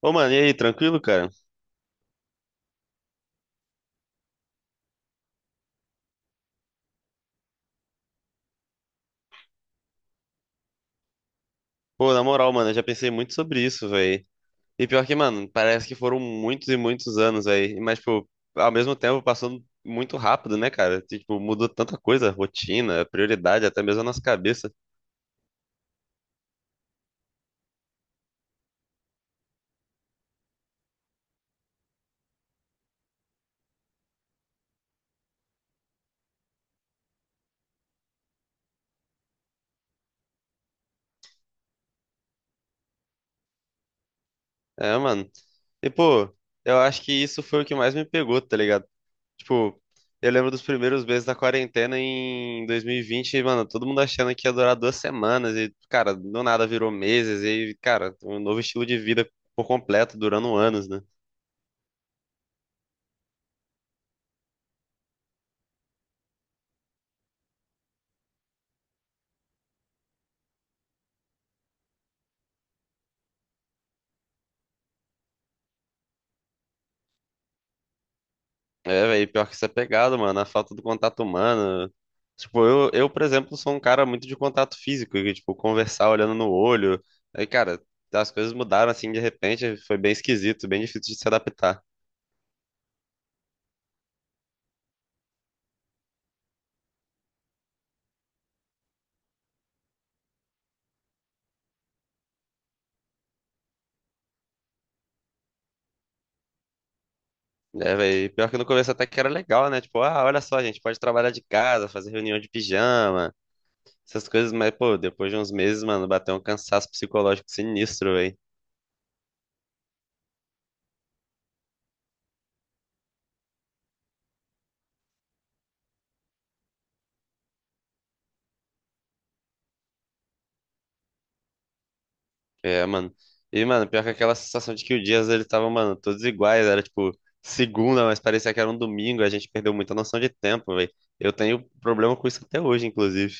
Ô, mano, e aí, tranquilo, cara? Pô, na moral, mano, eu já pensei muito sobre isso, velho. E pior que, mano, parece que foram muitos e muitos anos aí. Mas, tipo, ao mesmo tempo passando muito rápido, né, cara? Tipo, mudou tanta coisa, rotina, prioridade, até mesmo a nossa cabeça. É, mano. E, pô, eu acho que isso foi o que mais me pegou, tá ligado? Tipo, eu lembro dos primeiros meses da quarentena em 2020, mano, todo mundo achando que ia durar 2 semanas e, cara, do nada virou meses e, cara, um novo estilo de vida por completo, durando anos, né? É, velho, pior que isso é pegado, mano, a falta do contato humano. Tipo, eu, por exemplo, sou um cara muito de contato físico, que, tipo, conversar olhando no olho. Aí, cara, as coisas mudaram assim de repente, foi bem esquisito, bem difícil de se adaptar. É, velho. Pior que no começo até que era legal, né? Tipo, ah, olha só, a gente pode trabalhar de casa, fazer reunião de pijama, essas coisas, mas, pô, depois de uns meses, mano, bateu um cansaço psicológico sinistro, velho. É, mano. E, mano, pior que aquela sensação de que o dias eles estavam, mano, todos iguais, era tipo segunda, mas parecia que era um domingo, a gente perdeu muita noção de tempo, velho. Eu tenho problema com isso até hoje, inclusive.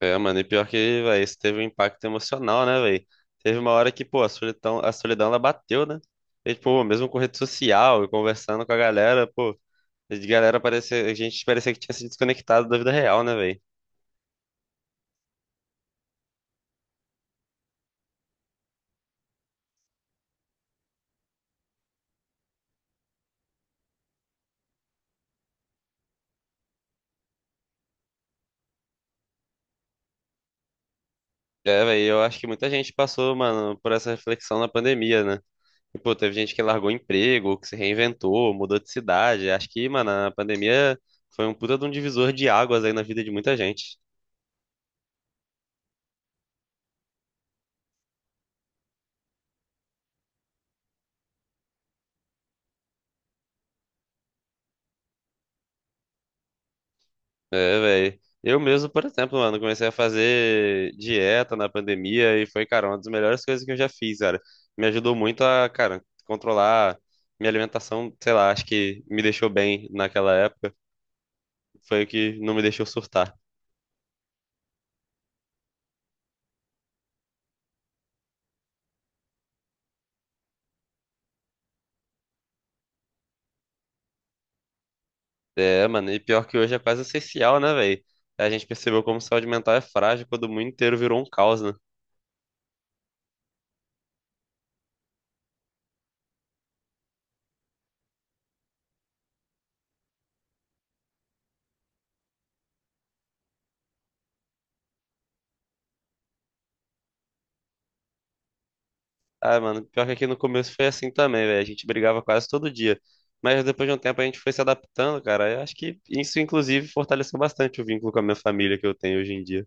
É, mano, e pior que, velho, isso teve um impacto emocional, né, velho? Teve uma hora que, pô, a solidão, ela bateu, né? E, pô, mesmo com rede social e conversando com a galera, pô, a galera parecia, a gente parecia que tinha se desconectado da vida real, né, velho? É, velho, eu acho que muita gente passou, mano, por essa reflexão na pandemia, né? E, pô, teve gente que largou emprego, que se reinventou, mudou de cidade. Acho que, mano, a pandemia foi um puta de um divisor de águas aí na vida de muita gente. É, velho. Eu mesmo, por exemplo, mano, comecei a fazer dieta na pandemia e foi, cara, uma das melhores coisas que eu já fiz, cara. Me ajudou muito a, cara, controlar minha alimentação, sei lá, acho que me deixou bem naquela época. Foi o que não me deixou surtar. É, mano, e pior que hoje é quase essencial, né, velho? A gente percebeu como saúde mental é frágil quando o mundo inteiro virou um caos, né? Ah, mano, pior que aqui no começo foi assim também, velho. A gente brigava quase todo dia. Mas depois de um tempo a gente foi se adaptando, cara. Eu acho que isso, inclusive, fortaleceu bastante o vínculo com a minha família que eu tenho hoje em dia.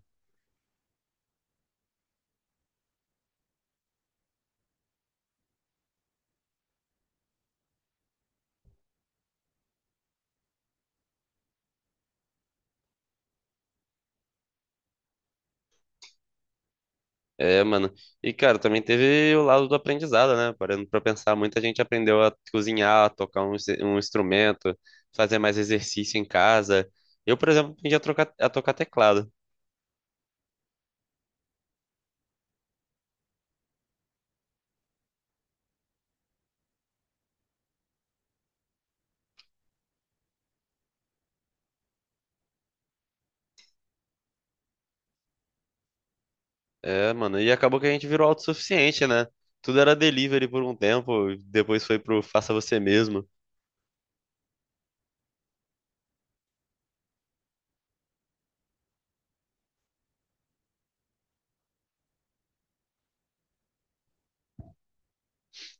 É, mano. E, cara, também teve o lado do aprendizado, né? Parando pra pensar, muita gente aprendeu a cozinhar, a tocar um, um instrumento, fazer mais exercício em casa. Eu, por exemplo, aprendi a tocar teclado. É, mano. E acabou que a gente virou autossuficiente, né? Tudo era delivery por um tempo, depois foi pro faça você mesmo.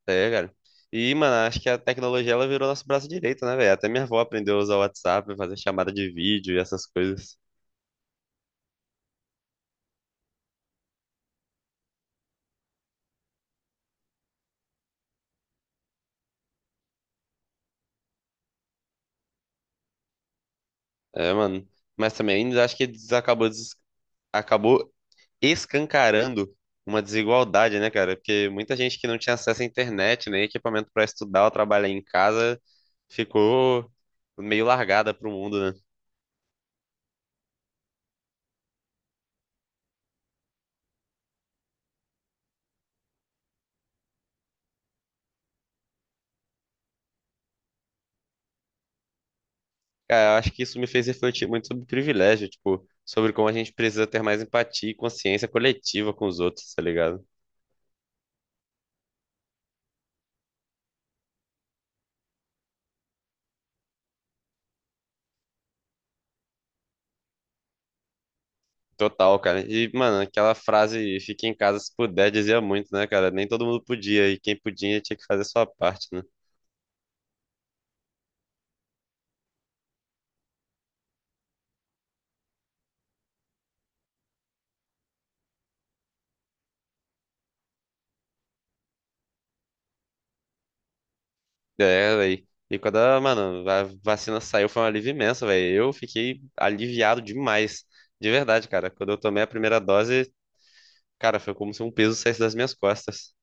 É, cara. E, mano, acho que a tecnologia ela virou nosso braço direito, né, velho? Até minha avó aprendeu a usar o WhatsApp, fazer chamada de vídeo e essas coisas. É, mano. Mas também acho que acabou escancarando uma desigualdade, né, cara? Porque muita gente que não tinha acesso à internet, nem equipamento pra estudar ou trabalhar em casa, ficou meio largada pro mundo, né? Cara, eu acho que isso me fez refletir muito sobre privilégio, tipo, sobre como a gente precisa ter mais empatia e consciência coletiva com os outros, tá ligado? Total, cara. E, mano, aquela frase, fique em casa se puder, dizia muito, né, cara? Nem todo mundo podia, e quem podia tinha que fazer a sua parte, né? É, velho. E quando a, mano, a vacina saiu, foi um alívio imenso, velho. Eu fiquei aliviado demais. De verdade, cara. Quando eu tomei a primeira dose, cara, foi como se um peso saísse das minhas costas.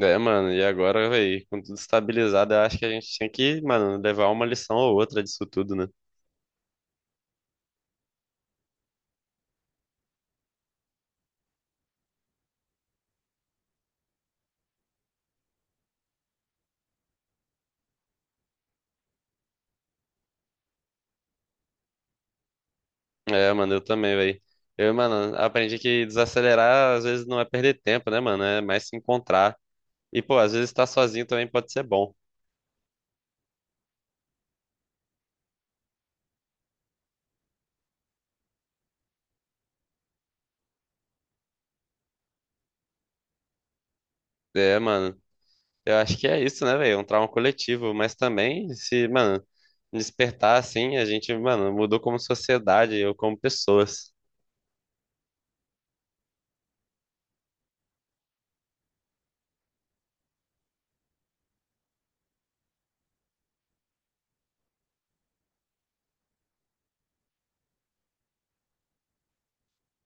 É, mano, e agora, velho, com tudo estabilizado, eu acho que a gente tinha que, mano, levar uma lição ou outra disso tudo, né? É, mano, eu também, velho. Eu, mano, aprendi que desacelerar às vezes não é perder tempo, né, mano? É mais se encontrar. E, pô, às vezes estar sozinho também pode ser bom. É, mano. Eu acho que é isso, né, velho? Um trauma coletivo. Mas também, se, mano, despertar assim, a gente, mano, mudou como sociedade ou como pessoas.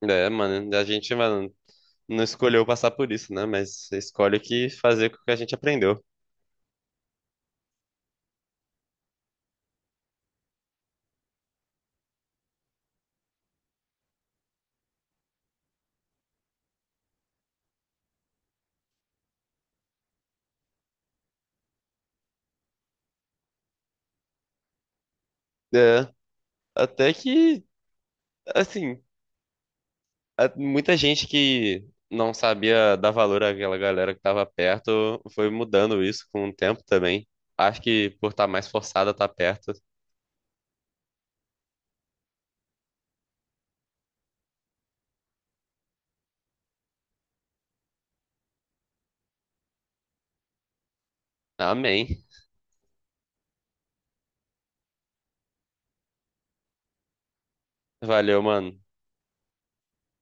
É, mano, a gente, mano, não escolheu passar por isso, né? Mas escolhe o que fazer com o que a gente aprendeu. É, até que, assim. Muita gente que não sabia dar valor àquela galera que estava perto foi mudando isso com o tempo também. Acho que por estar mais forçada a estar perto. Amém. Valeu, mano.